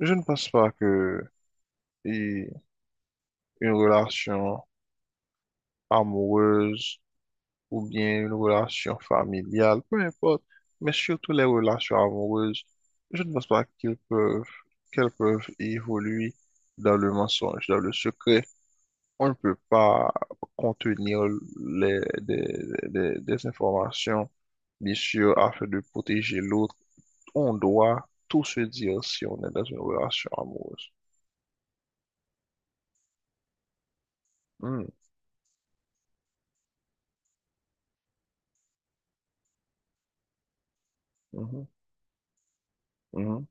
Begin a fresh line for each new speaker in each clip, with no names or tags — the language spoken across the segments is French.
Je ne pense pas que et une relation amoureuse ou bien une relation familiale, peu importe, mais surtout les relations amoureuses, je ne pense pas qu'elles peuvent évoluer dans le mensonge, dans le secret. On ne peut pas contenir les, des, des informations, bien sûr, afin de protéger l'autre. On doit tout se dire si on est dans une relation amoureuse. Hmm, mhm, mhm,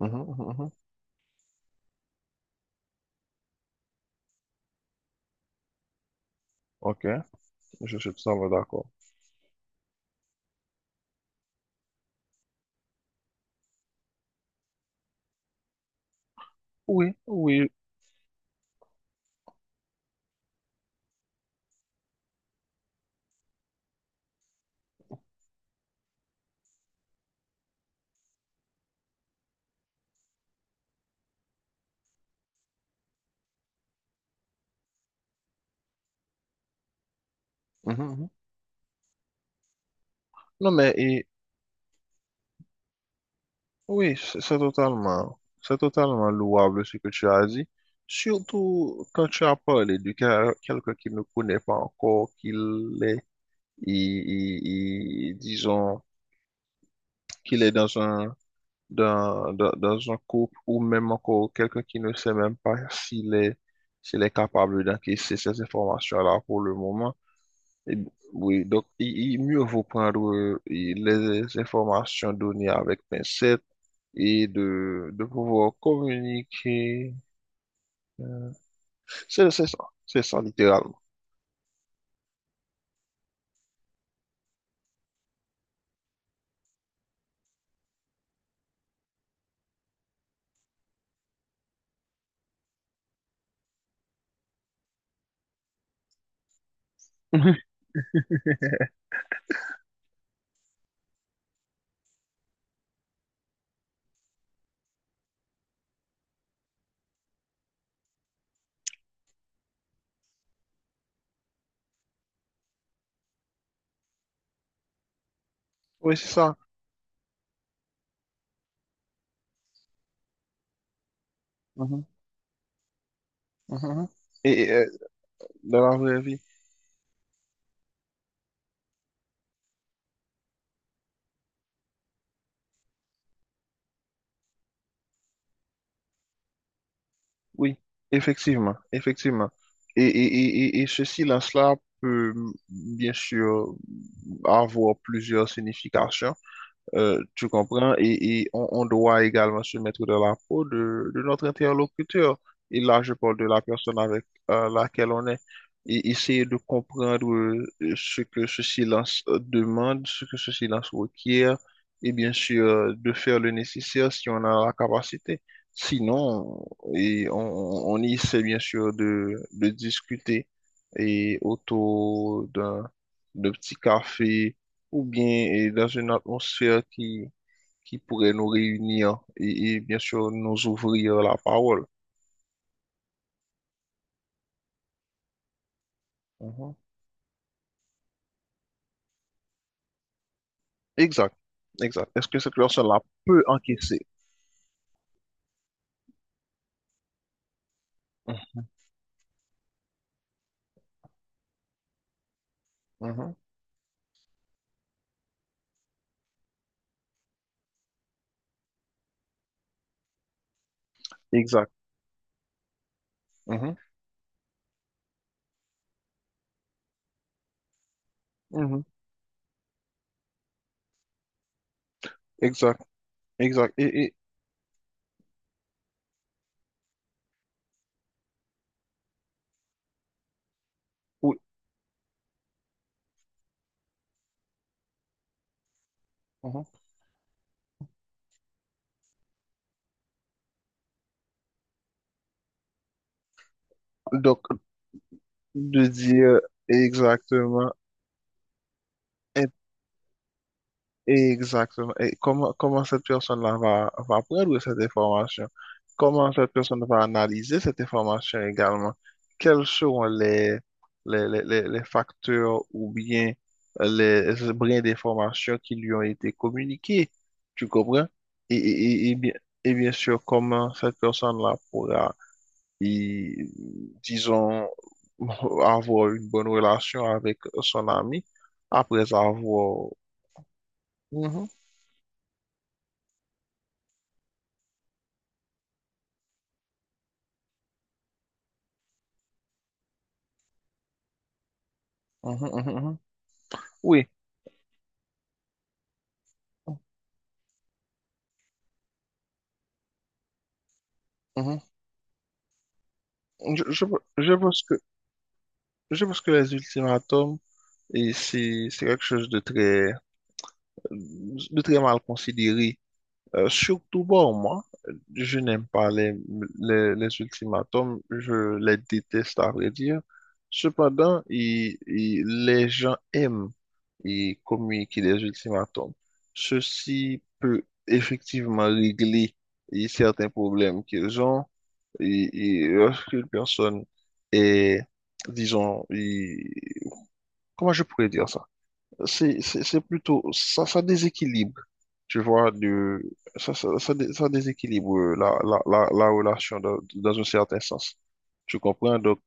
mhm, mhm, mhm. Ok, je suis tout à fait d'accord. Oui, oui. Mhm, mhm. Non, oui, c'est totalement louable ce que tu as dit. Surtout quand tu as parlé de quelqu'un qui ne connaît pas encore qu'il est, disons, qu'il est dans un couple ou même encore quelqu'un qui ne sait même pas s'il est, capable d'encaisser ces informations-là pour le moment. Et- oui, donc il, mieux vaut prendre les informations données avec pincette et de pouvoir communiquer. euh, c'est ça, c'est ça littéralement. Mhm. Oui, c'est ça. Mhm, mhm. Et dans la vraie vie, oui, effectivement, effectivement. Et et ce silence-là peut bien sûr avoir plusieurs significations. Tu comprends? Et on, doit également se mettre dans la peau de notre interlocuteur. Et là, je parle de la personne avec laquelle on est. Et essayer de comprendre ce que ce silence demande, ce que ce silence requiert, et bien sûr, de faire le nécessaire si on a la capacité. Sinon, et on, on essaie bien sûr de discuter autour d'un petit café ou bien dans une atmosphère qui pourrait nous réunir et bien sûr nous ouvrir la parole. Mhm. Exact, exact. Est-ce que cette personne-là peut encaisser? Mhm. Mhm. Exact. Mhm. Mhm. Exact, exact. Et oui. Mhm. Donc, de dire exactement. Exactement. Et comment cette personne-là va prendre cette information? Comment cette personne va analyser cette information également? Quels seront les, les facteurs ou bien les brins d'information qui lui ont été communiqués? Tu comprends? Et, et, et, et bien, et bien sûr, comment cette personne-là pourra, y- disons, avoir une bonne relation avec son ami après avoir... Mhm. Mhm, mhm, mhm. Oui, mhm. Je, je, je pense que, je pense que les ultimatums, c'est quelque chose de très, mal considéré. Surtout pour moi, je n'aime pas les ultimatums, je les déteste à vrai dire. Cependant, les gens aiment communiquer les ultimatums. Ceci peut effectivement régler certains problèmes qu'ils ont. Et lorsqu'une personne est, disons, comment je pourrais dire ça? C'est plutôt, ça déséquilibre, tu vois, de, ça, dé- ça déséquilibre la relation dans un certain sens. Tu comprends? Donc,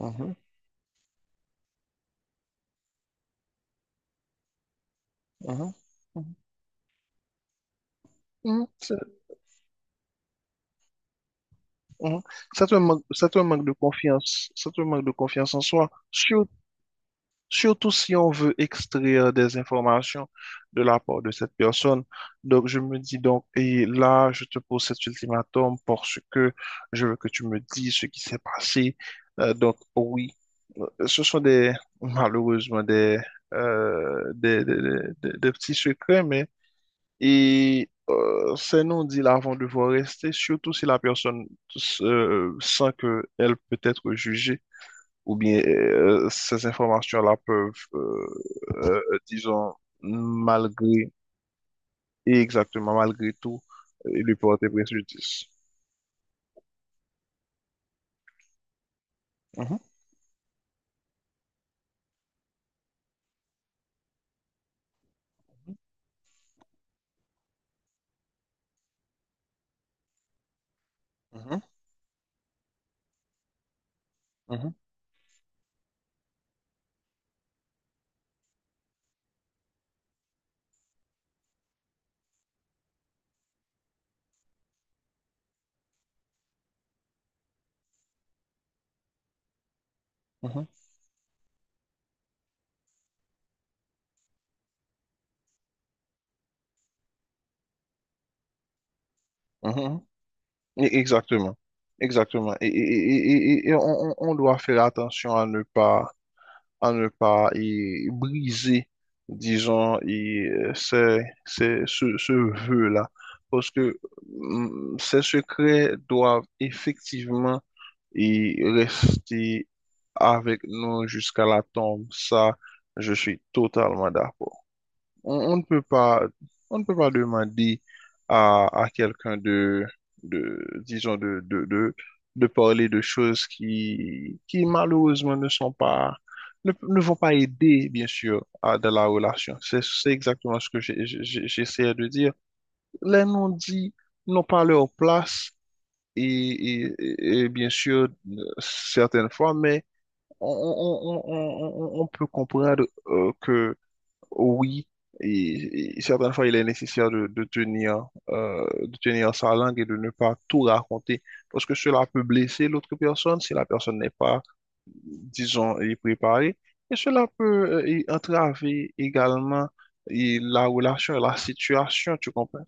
mhm, mhm, mhm, mhm, c'est, mhm. C'est un manque de confiance, c'est un manque de confiance en soi. Surtout si on veut extraire des informations de la part de cette personne. Donc, je me dis donc, et là, je te pose cet ultimatum parce que je veux que tu me dises ce qui s'est passé. Donc, oui, ce sont des, malheureusement, des, euh, des, des, des- des petits secrets, mais, et ces non-dits là vont devoir rester, surtout si la personne sent qu'elle peut être jugée ou bien ces informations-là peuvent, euh, disons, malgré, et exactement malgré tout, lui porter préjudice. Mhm, mhm, mhm, mhm, mhm. Exactement, exactement. Et on on- doit faire attention à ne pas briser, disons, ce vœu-là. Parce que ces secrets doivent effectivement rester avec nous jusqu'à la tombe. Ça, je suis totalement d'accord. On ne peut pas, on ne peut pas demander à quelqu'un de, disons, de parler de choses qui malheureusement ne sont pas, ne vont pas aider, bien sûr, à de la relation. C'est exactement ce que j'essayais de dire. Les non-dits n'ont pas leur place et bien sûr certaines fois, mais on peut comprendre que oui, et certaines fois il est nécessaire de tenir sa langue et de ne pas tout raconter, parce que cela peut blesser l'autre personne si la personne n'est pas disons, y préparer. Et cela peut y entraver également y la relation, la situation, tu comprends?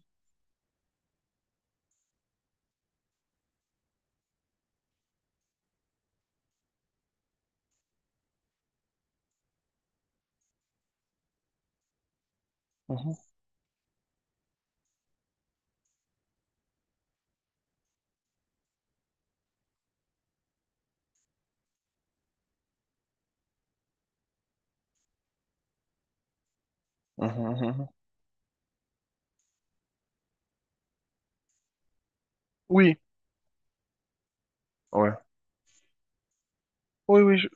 Mhm, mhm, mhm. Mhm. Oui, ouais. Oui, oui,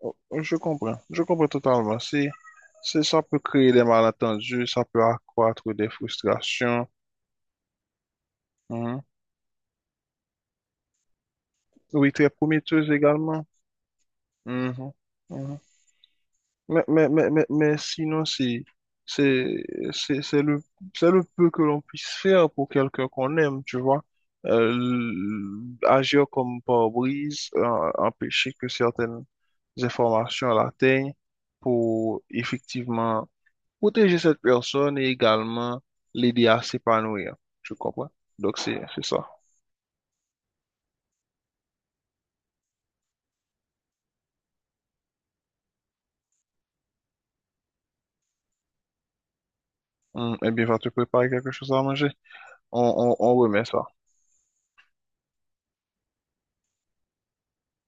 oh, je comprends. Je comprends totalement. Ça peut créer des malentendus, ça peut accroître des frustrations. Mhm. Oui, très prometteuse également. Mhm, mhm. Mais sinon, c'est, c'est, c'est le, c'est le peu que l'on puisse faire pour quelqu'un qu'on aime, tu vois. Agir comme pare-brise, empêcher que certaines informations l'atteignent pour effectivement protéger cette personne et également l'aider à s'épanouir. Tu comprends? Donc, c'est ça. Eh bien, va te préparer quelque chose à manger. On remet ça.